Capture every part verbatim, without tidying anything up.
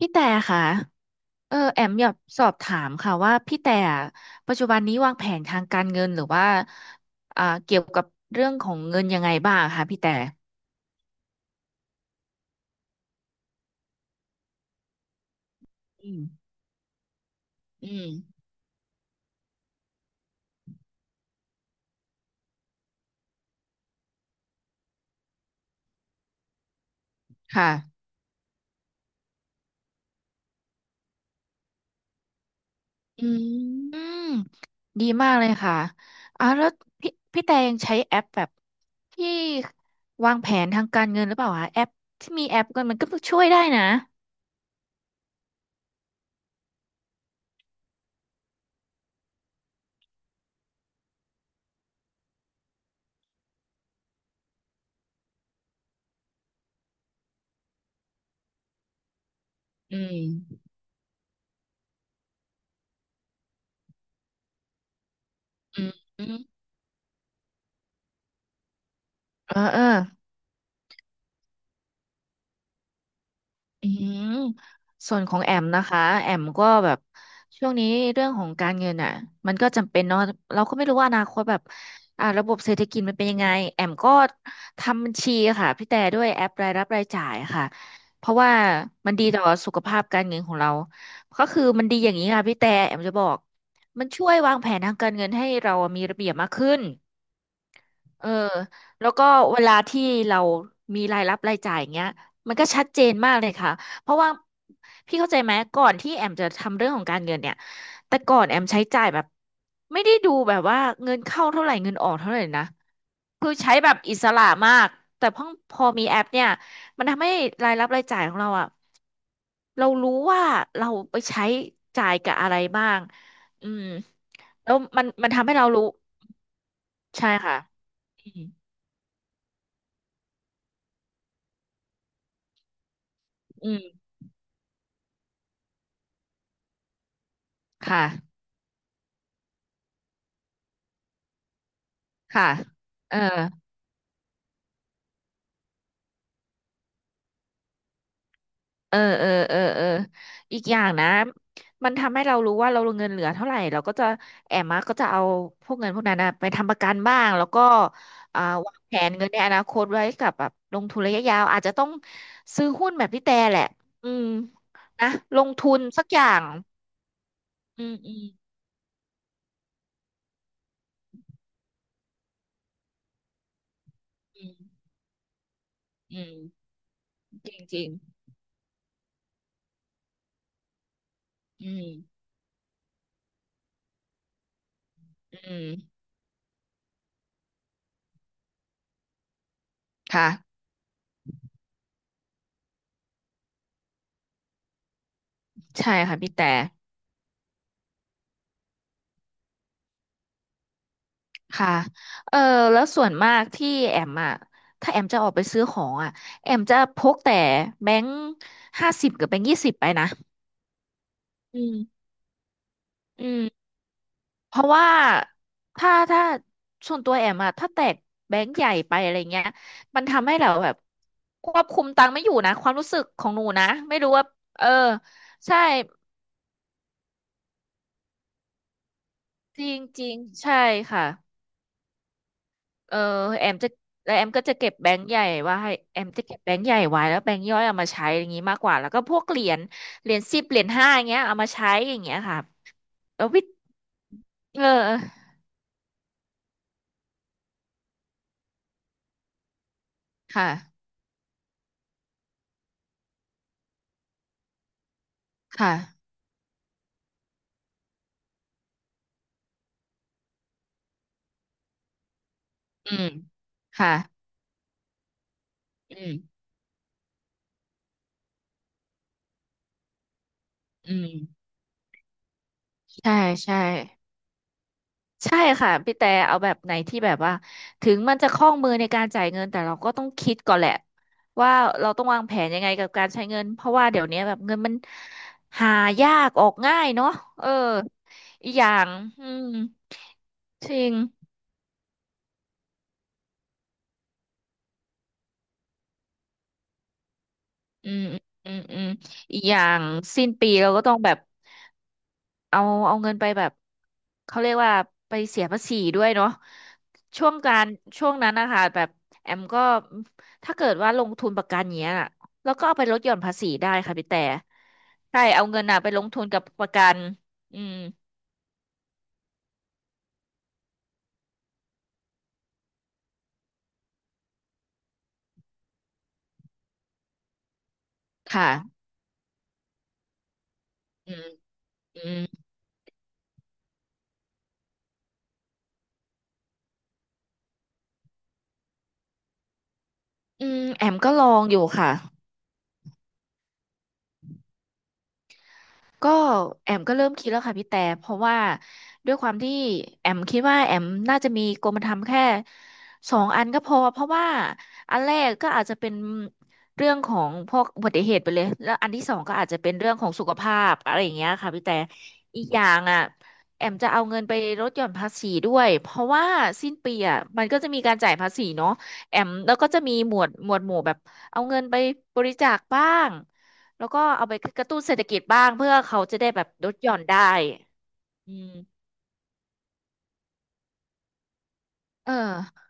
พี่แต่ค่ะเออแอมอยากสอบถามค่ะว่าพี่แต่ปัจจุบันนี้วางแผนทางการเงินหรือว่าอ่าเกี่ยวกับเรื่องของเงินยังไงบ้างคะพี่แต่อืมอืมค่ะอืมอืมดีมากเลยค่ะอ่าแล้วพี่พี่แต่ยังใช้แอปแบบที่วางแผนทางการเงินหรือเปล่าคะแอปที่มีแอปกันมันก็ช่วยได้นะอืมอืมอืมเออเออ อืมส่วนของแอมนะคะแอมก็แบบช่วงนี้เรื่องของการเงินอ่ะมันก็จำเป็นเนาะเราก็ไม่รู้ว่าอนาคตแบบอ่าระบบเศรษฐกิจมันเป็นยังไงแอมก็ทำบัญชีค่ะพี่แต่ด้วยแอปรายรับรายจ่ายค่ะเพราะว่ามันดีต่อสุขภาพการเงินของเราก็คือมันดีอย่างนี้ค่ะพี่แต่แอมจะบอกมันช่วยวางแผนทางการเงินให้เรามีระเบียบมากขึ้น เออแล้วก็เวลาที่เรามีรายรับรายจ่ายอย่างเงี้ยมันก็ชัดเจนมากเลยค่ะเพราะว่าพี่เข้าใจไหมก่อนที่แอมจะทำเรื่องของการเงินเนี่ยแต่ก่อนแอมใช้จ่ายแบบไม่ได้ดูแบบว่าเงินเข้าเท่าไหร่เงินออกเท่าไหร่นะคือใช้แบบอิสระมากแต่พอพอมีแอปเนี่ยมันทำให้รายรับรายจ่ายของเราอะเรารู้ว่าเราไปใช้จ่ายกับอะไรบ้างอืมแล้วมันมันทำให้เรารู้ใช่ค่ะอืมอืม ค่ะค่ะเออเออเออเออเอออีกอย่างนะมันทำให้เรารู้ว่าเราเงินเหลือเท่าไหร่เราก็จะแอมมาก็จะเอาพวกเงินพวกนั้นนะไปทำประกันบ้าง แล้วก็อ่าวางแผนเงินในอนาคตไว้กับแบบลงทุนระยะยาวอาจจะต้องซื้อหุ้นแบบพี่แต่แหละอืมนะลงทุนสักอย่าง อืมอืมอืมอืมจริงจริงอืมอืมค่ะใช่ค่ะพี่แต่ ค่ะเออแล้วส่วนมากที่แอมอ่ะ ถ้าแอมจะออกไปซื้อของอ่ะ แอมจะพกแต่แบงค์ห้าสิบกับแบงค์ยี่สิบไปนะอืมอืมเพราะว่าถ้าถ้าส่วนตัวแอมอะถ้าแตกแบงค์ใหญ่ไปอะไรเงี้ยมันทำให้เราแบบควบคุมตังค์ไม่อยู่นะความรู้สึกของหนูนะไม่รู้ว่าเออใช่จริงจริงใช่ค่ะ เออแอมจะแล้วแอมก็จะเก็บแบงค์ใหญ่ไวาให้แอมจะเก็บแบงค์ใหญ่ไว้แล้วแบงค์ย่อยเอามาใช้อย่างนี้มากกว่าแล้วก็พวกเหรียญเหรียญสิบเหรียญห้าอย่างเงี้ยเอามาใช้อย่างเงี้ยค่ะแล้ววิเออค่ะค่ะอืมค่ะอืมอืมใช่ใช่ ใช่ค่ะพี่แต่เอาแบบไหนที่แบบว่าถึงมันจะคล่องมือในการจ่ายเงินแต่เราก็ต้องคิดก่อนแหละว่าเราต้องวางแผนยังไงกับการใช้เงินเพราะว่าเดี๋ยวนี้แบบเงินมันหายากออกง่ายเนาะเอออีกอย่างอืมจริงอืมอืมอืมอืมอีกอย่างสิ้นปีเราก็ต้องแบบ เอาเอาเงินไปแบบเขาเรียกว่าไปเสียภาษีด้วยเนาะช่วงการช่วงนั้นนะคะแบบแอมก็ถ้าเกิดว่าลงทุนประกันเนี้ยน่ะแล้วก็เอาไปลดหย่อนภาษีได้ค่ะพี่แต่ใช่เอาเงินน่ะไปลงทุนกับประกันอืมค่ะอืมอืมอืมแอมก็ลองอยู่ค่ะ ก็แอมก็เริ่มคิดแล้วค่ะพี่แต่เพราะว่าด้วยความที่แอมคิดว่าแอมน่าจะมีกรมธรรม์แค่สองอันก็พอเพราะว่าอันแรกก็อาจจะเป็นเรื่องของพวกอุบัติเหตุไปเลยแล้วอันที่สองก็อาจจะเป็นเรื่องของสุขภาพอะไรอย่างเงี้ยค่ะพี่แต่อีกอย่างอ่ะแอมจะเอาเงินไปลดหย่อนภาษีด้วยเพราะว่าสิ้นปีอ่ะมันก็จะมีการจ่ายภาษีเนาะแอมแล้วก็จะมีหมวดหมวดหมู่แบบเอาเงินไปบริจาคบ้าง แล้วก็เอาไปกระตุ้นเศรษฐกิจบ้างเพื่อเขาจะได้แบบลดหย่อนได้อืมเออ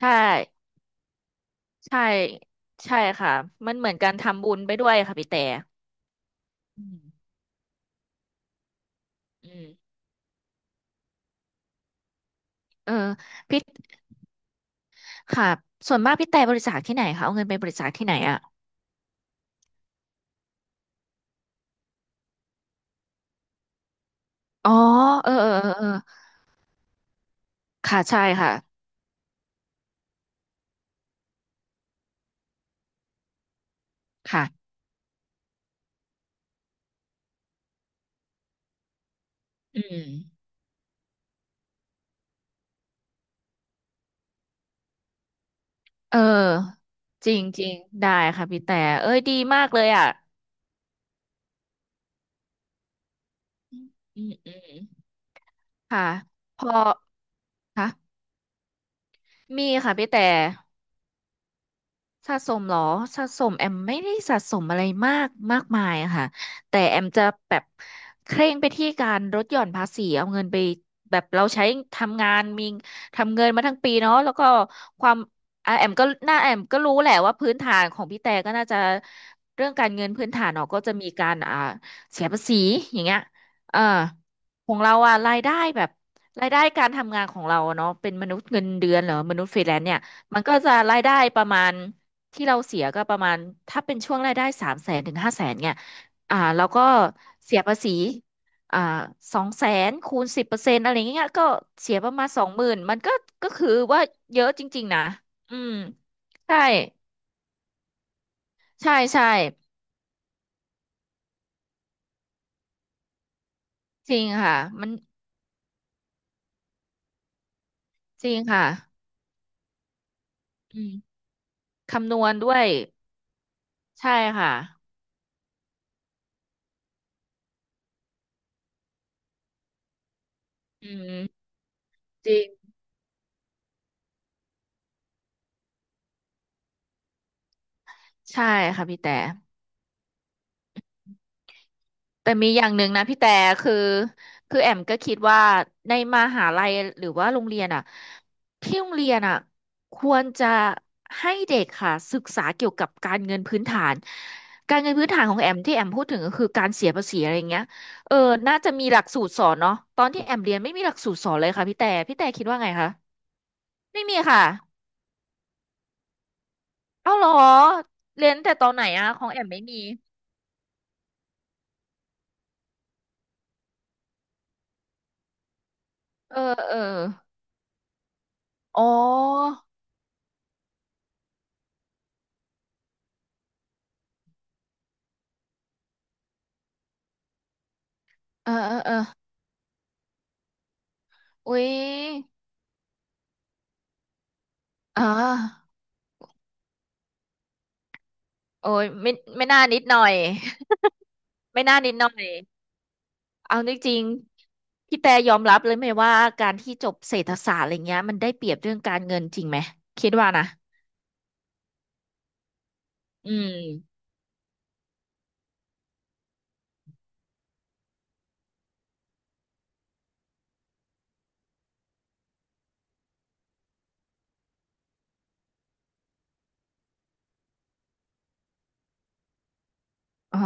ใช่ใช่ใช่ค่ะมันเหมือนการทำบุญไปด้วยค่ะพี่แต่อืมอืมเออพี่ค่ะส่วนมากพี่แต่บริจาคที่ไหนคะเอาเงินไปบริจาคที่ไหนอะอ๋อเออเออเออเออค่ะใช่ค่ะค่ะอืมเออจริงจริงได้ค่ะพี่แต่เอ้ยดีมากเลยอ่ะอืมอืมอืมค่ะพอค่ะมีค่ะพี่แต่ สะสมเหรอสะสมแอมไม่ได้สะสมอะไรมากมากมายอะค่ะแต่แอมจะแบบเคร่งไปที่การลดหย่อนภาษีเอาเงินไปแบบเราใช้ทำงานมีทำเงินมาทั้งปีเนาะแล้วก็ความอ่ะแอมก็หน้าแอมก็รู้แหละว่าพื้นฐานของพี่แต่ก็น่าจะเรื่องการเงินพื้นฐานเนาะก็จะมีการอ่าเสียภาษีอย่างเงี้ยเออของเราอะรายได้แบบรายได้การทำงานของเราอะเนาะเป็นมนุษย์เงินเดือนเหรอมนุษย์ฟรีแลนซ์เนี่ยมันก็จะรายได้ประมาณ ที่เราเสียก็ประมาณถ้าเป็นช่วงรายได้สามแสนถึงห้าแสนเนี่ยอ่าแล้วก็เสียภาษีอ่าสองแสนคูณสิบเปอร์เซ็นต์อะไรเงี้ยก็เสียประมาณสองหมื่นมันก็ก็คือว่าเยอะจริงๆนะอืมใช่ใช่ใช่จริงค่ะมันจริงค่ะอืมคำนวณด้วยใช่ค่ะอืมจริงใช่ค่ะพี่แต่ แต่มีอย่างหนึ่งนะพี่แต่คือคือแอมก็คิดว่าในมหาลัยหรือว่าโรงเรียนอ่ะที่โรงเรียนอ่ะควรจะให้เด็กค่ะศึกษาเกี่ยวกับการเงินพื้นฐานการเงินพื้นฐานของแอมที่แอมพูดถึงก็คือการเสียภาษีอะไรอย่างเงี้ยเออน่าจะมีหลักสูตรสอนเนาะตอนที่แอมเรียนไม่มีหลักสูตรสอนเลยค่ะพี่แต่พี่แต่คิดว่าไงคะไม่มีค่ะเอ้าเหรอเรียนแต่ตอนไหนอะของแอมไม่มีเออเอออ๋อเออเออเอออุ๊ย อ่าโอ้ยไม่ไม่น่า นิดหน่อย ไม่น่า นิดหน่อย เอาจริงๆพี่แต่ ยอมรับ เลยไหม ว่า การ ที่ จบเศรษฐศาสตร์อะไรเงี้ยมัน ได้เปรียบ เรื่อง การ เงิน จริงไหม คิดว่านะอืม อ๋อ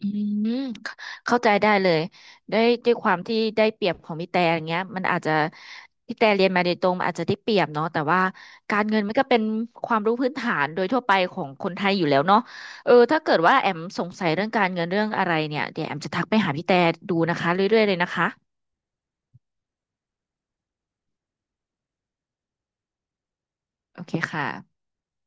อืมเข้าเข้าใจได้เลย ได้ด้วยความที่ได้เปรียบของพี่แต่อย่างเงี้ยมันอาจจะพี่แต่เรียนมาโดยตรงมันอาจจะได้เปรียบเนาะแต่ว่าการเงินมันก็เป็นความรู้พื้นฐานโดยทั่วไปของคนไทยอยู่แล้วเนาะเออถ้าเกิดว่าแอมสงสัยเรื่องการเงินเรื่องอะไรเนี่ยเดี๋ยวแอมจะทักไปหาพี่แต่ดูนะคะเรื่อยๆเลยนะคะโอเคค่ะ